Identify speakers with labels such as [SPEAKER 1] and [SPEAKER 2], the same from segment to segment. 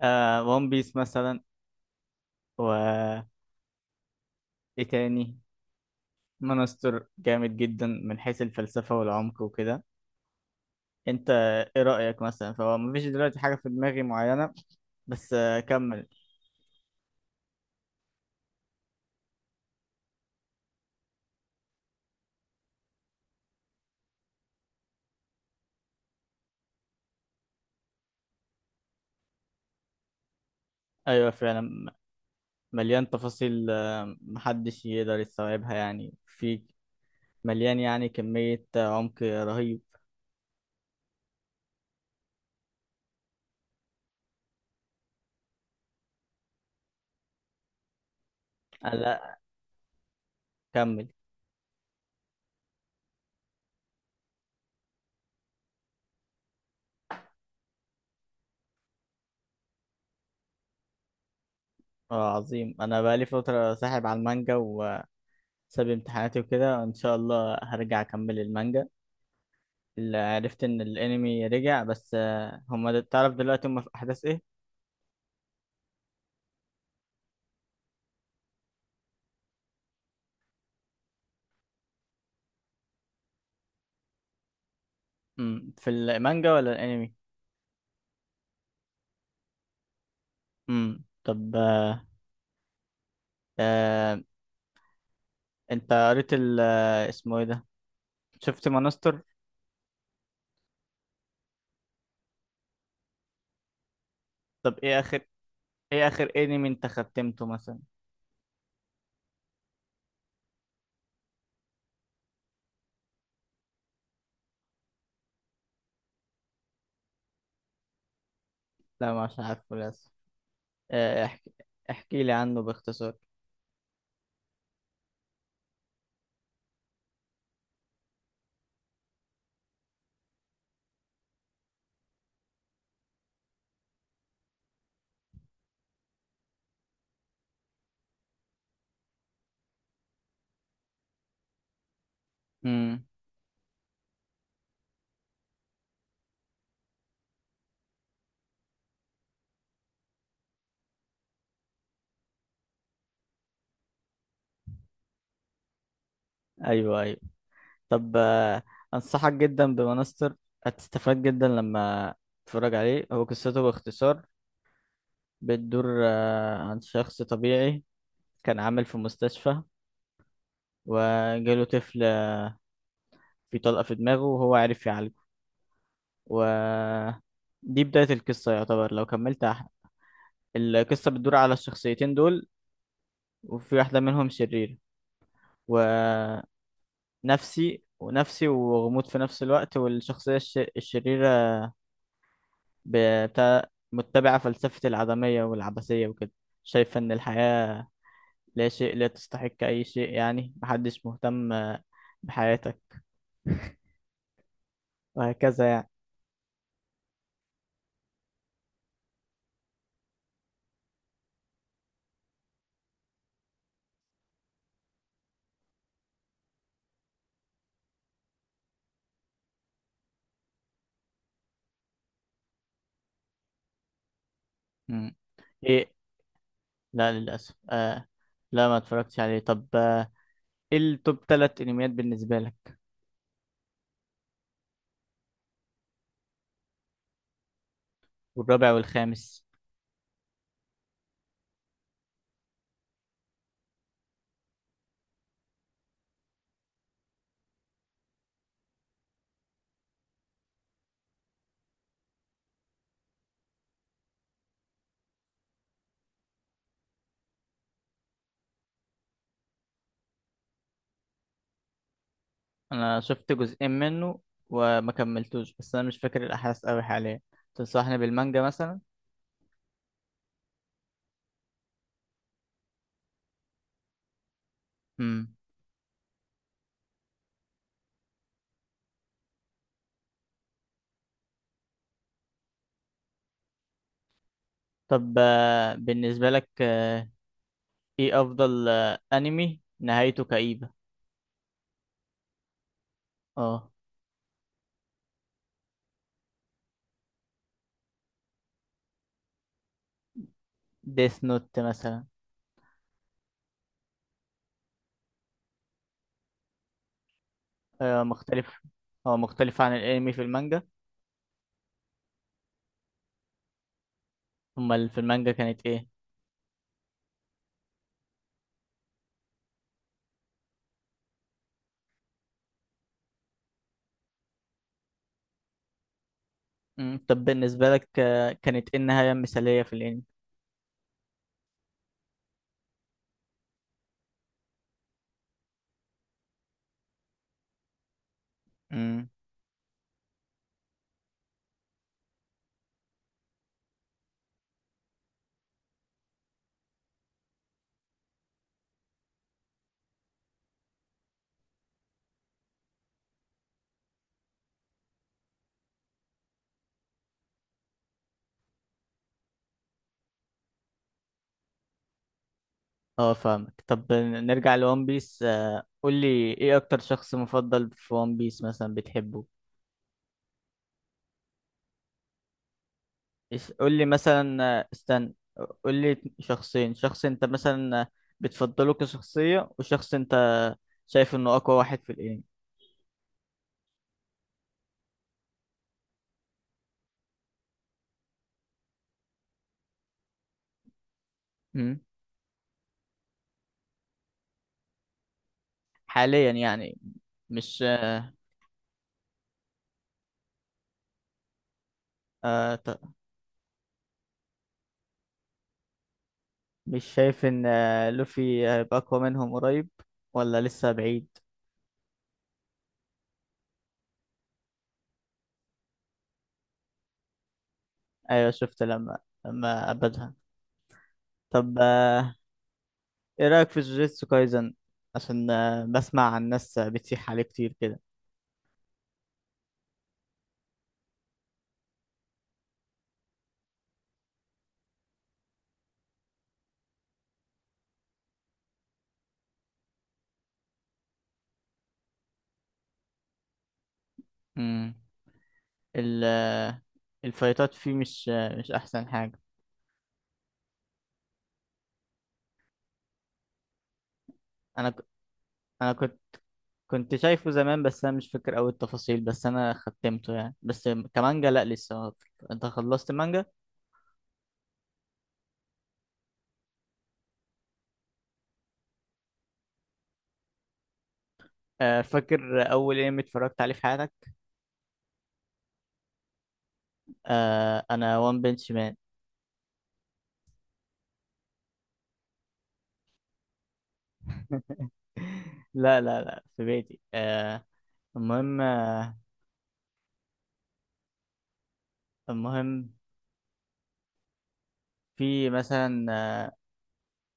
[SPEAKER 1] ون بيس مثلا. و ايه تاني؟ مانستر جامد جدا من حيث الفلسفة والعمق وكده. انت ايه رأيك مثلا؟ فهو مفيش دلوقتي حاجة في دماغي معينة، بس كمل. ايوه فعلا، مليان تفاصيل، محدش يقدر يستوعبها، يعني في مليان، يعني كمية عمق رهيب. آه، لا، كمل. اه عظيم. انا بقالي فترة ساحب على المانجا وساب امتحاناتي وكده، ان شاء الله هرجع اكمل المانجا اللي عرفت ان الانمي رجع. بس هما تعرف دلوقتي هما في احداث ايه؟ في المانجا ولا الانمي؟ طب آه. انت قريت ال اسمه ايه ده، شفت مانستر؟ طب ايه اخر، ايه اخر انمي انت ختمته مثلا؟ لا مش عارفه للاسف. احكي، احكي لي عنه باختصار. مم. ايوه ايوه. طب انصحك جدا بمانستر، هتستفاد جدا لما تتفرج عليه. هو قصته باختصار بتدور عن شخص طبيعي كان عامل في مستشفى، وجاله طفل في طلقة في دماغه وهو عرف يعالجه، و دي بداية القصة يعتبر. لو كملت القصة بتدور على الشخصيتين دول، وفي واحدة منهم شريرة ونفسي، ونفسي وغموض في نفس الوقت. والشخصية الشريرة بتاع متبعة فلسفة العدمية والعبثية وكده، شايفة إن الحياة لا شيء، لا تستحق أي شيء، يعني محدش مهتم بحياتك، وهكذا يعني. مم. إيه، لا للأسف آه. لا ما اتفرجتش عليه. طب ايه التوب تلات انميات بالنسبة لك؟ والرابع والخامس؟ انا شفت جزئين منه وما كملتوش، بس انا مش فاكر الاحداث قوي حاليا. تنصحني بالمانجا مثلا؟ امم. طب بالنسبة لك ايه افضل انمي نهايته كئيبة؟ اه، ديث نوت مثلا. آه مختلف. هو مختلف عن الانمي في المانجا؟ امال في المانجا كانت ايه؟ امم. طب بالنسبة لك كانت ايه النهاية المثالية في الانمي؟ مم. اه فاهمك. طب نرجع لون بيس، قول لي ايه اكتر شخص مفضل في وان بيس مثلا بتحبه؟ قول لي مثلا، استنى، قول لي شخصين: شخص انت مثلا بتفضله كشخصية، وشخص انت شايف انه اقوى واحد في الانمي. مم. حاليا يعني، مش آه. آه ط-. مش شايف ان لوفي هيبقى اقوى منهم قريب ولا لسه بعيد؟ ايوه شفت لما، لما ابدها. طب ايه رأيك في جوجيتسو كايزن؟ عشان بسمع عن ناس بتسيح عليه كتير كده. امم. ال- آه، الفايتات فيه، مش مش احسن حاجة. انا ك- انا كنت شايفه زمان، بس انا مش فاكر اوي التفاصيل، بس انا ختمته يعني. بس كمانجا لا لسه. انت خلصت مانجا؟ فاكر اول انمي اتفرجت عليه في حياتك؟ انا وان بنش مان. لا لا لا، في بيتي المهم، المهم في مثلا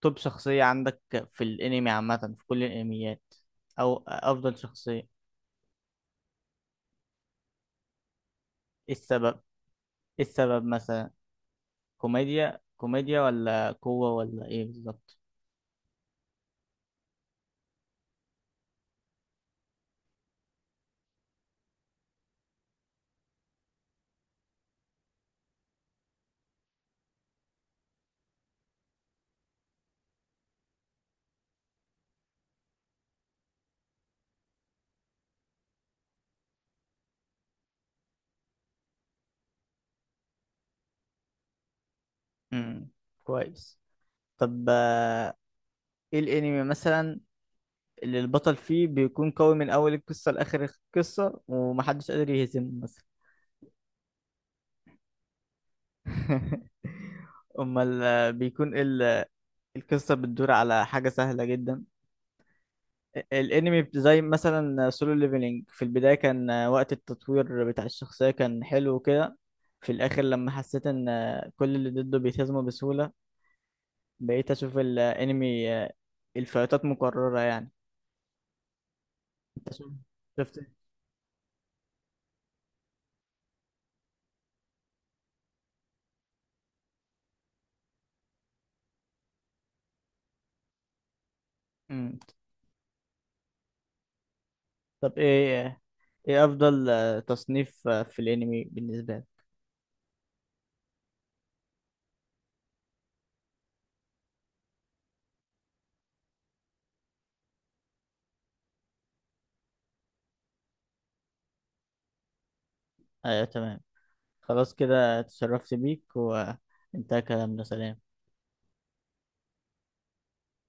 [SPEAKER 1] توب شخصية عندك في الانمي عامة في كل الانميات، او افضل شخصية؟ ايه السبب، ايه السبب مثلا؟ كوميديا، كوميديا ولا قوة ولا ايه بالظبط؟ امم، كويس. طب ايه الانمي مثلا اللي البطل فيه بيكون قوي من اول القصة لاخر القصة ومحدش قادر يهزمه مثلا؟ امال بيكون القصة بتدور على حاجة سهلة جدا. الانمي زي مثلا سولو ليفلينج، في البدايه كان وقت التطوير بتاع الشخصيه كان حلو كده، في الاخر لما حسيت ان كل اللي ضده بيتهزموا بسهوله، بقيت اشوف الانمي الفايتات مكرره يعني. انت شفت، شفت؟ مم. طب ايه، ايه افضل تصنيف في الانمي بالنسبه لك؟ ايوه تمام، خلاص كده تشرفت بيك وانتهى كلامنا، سلام.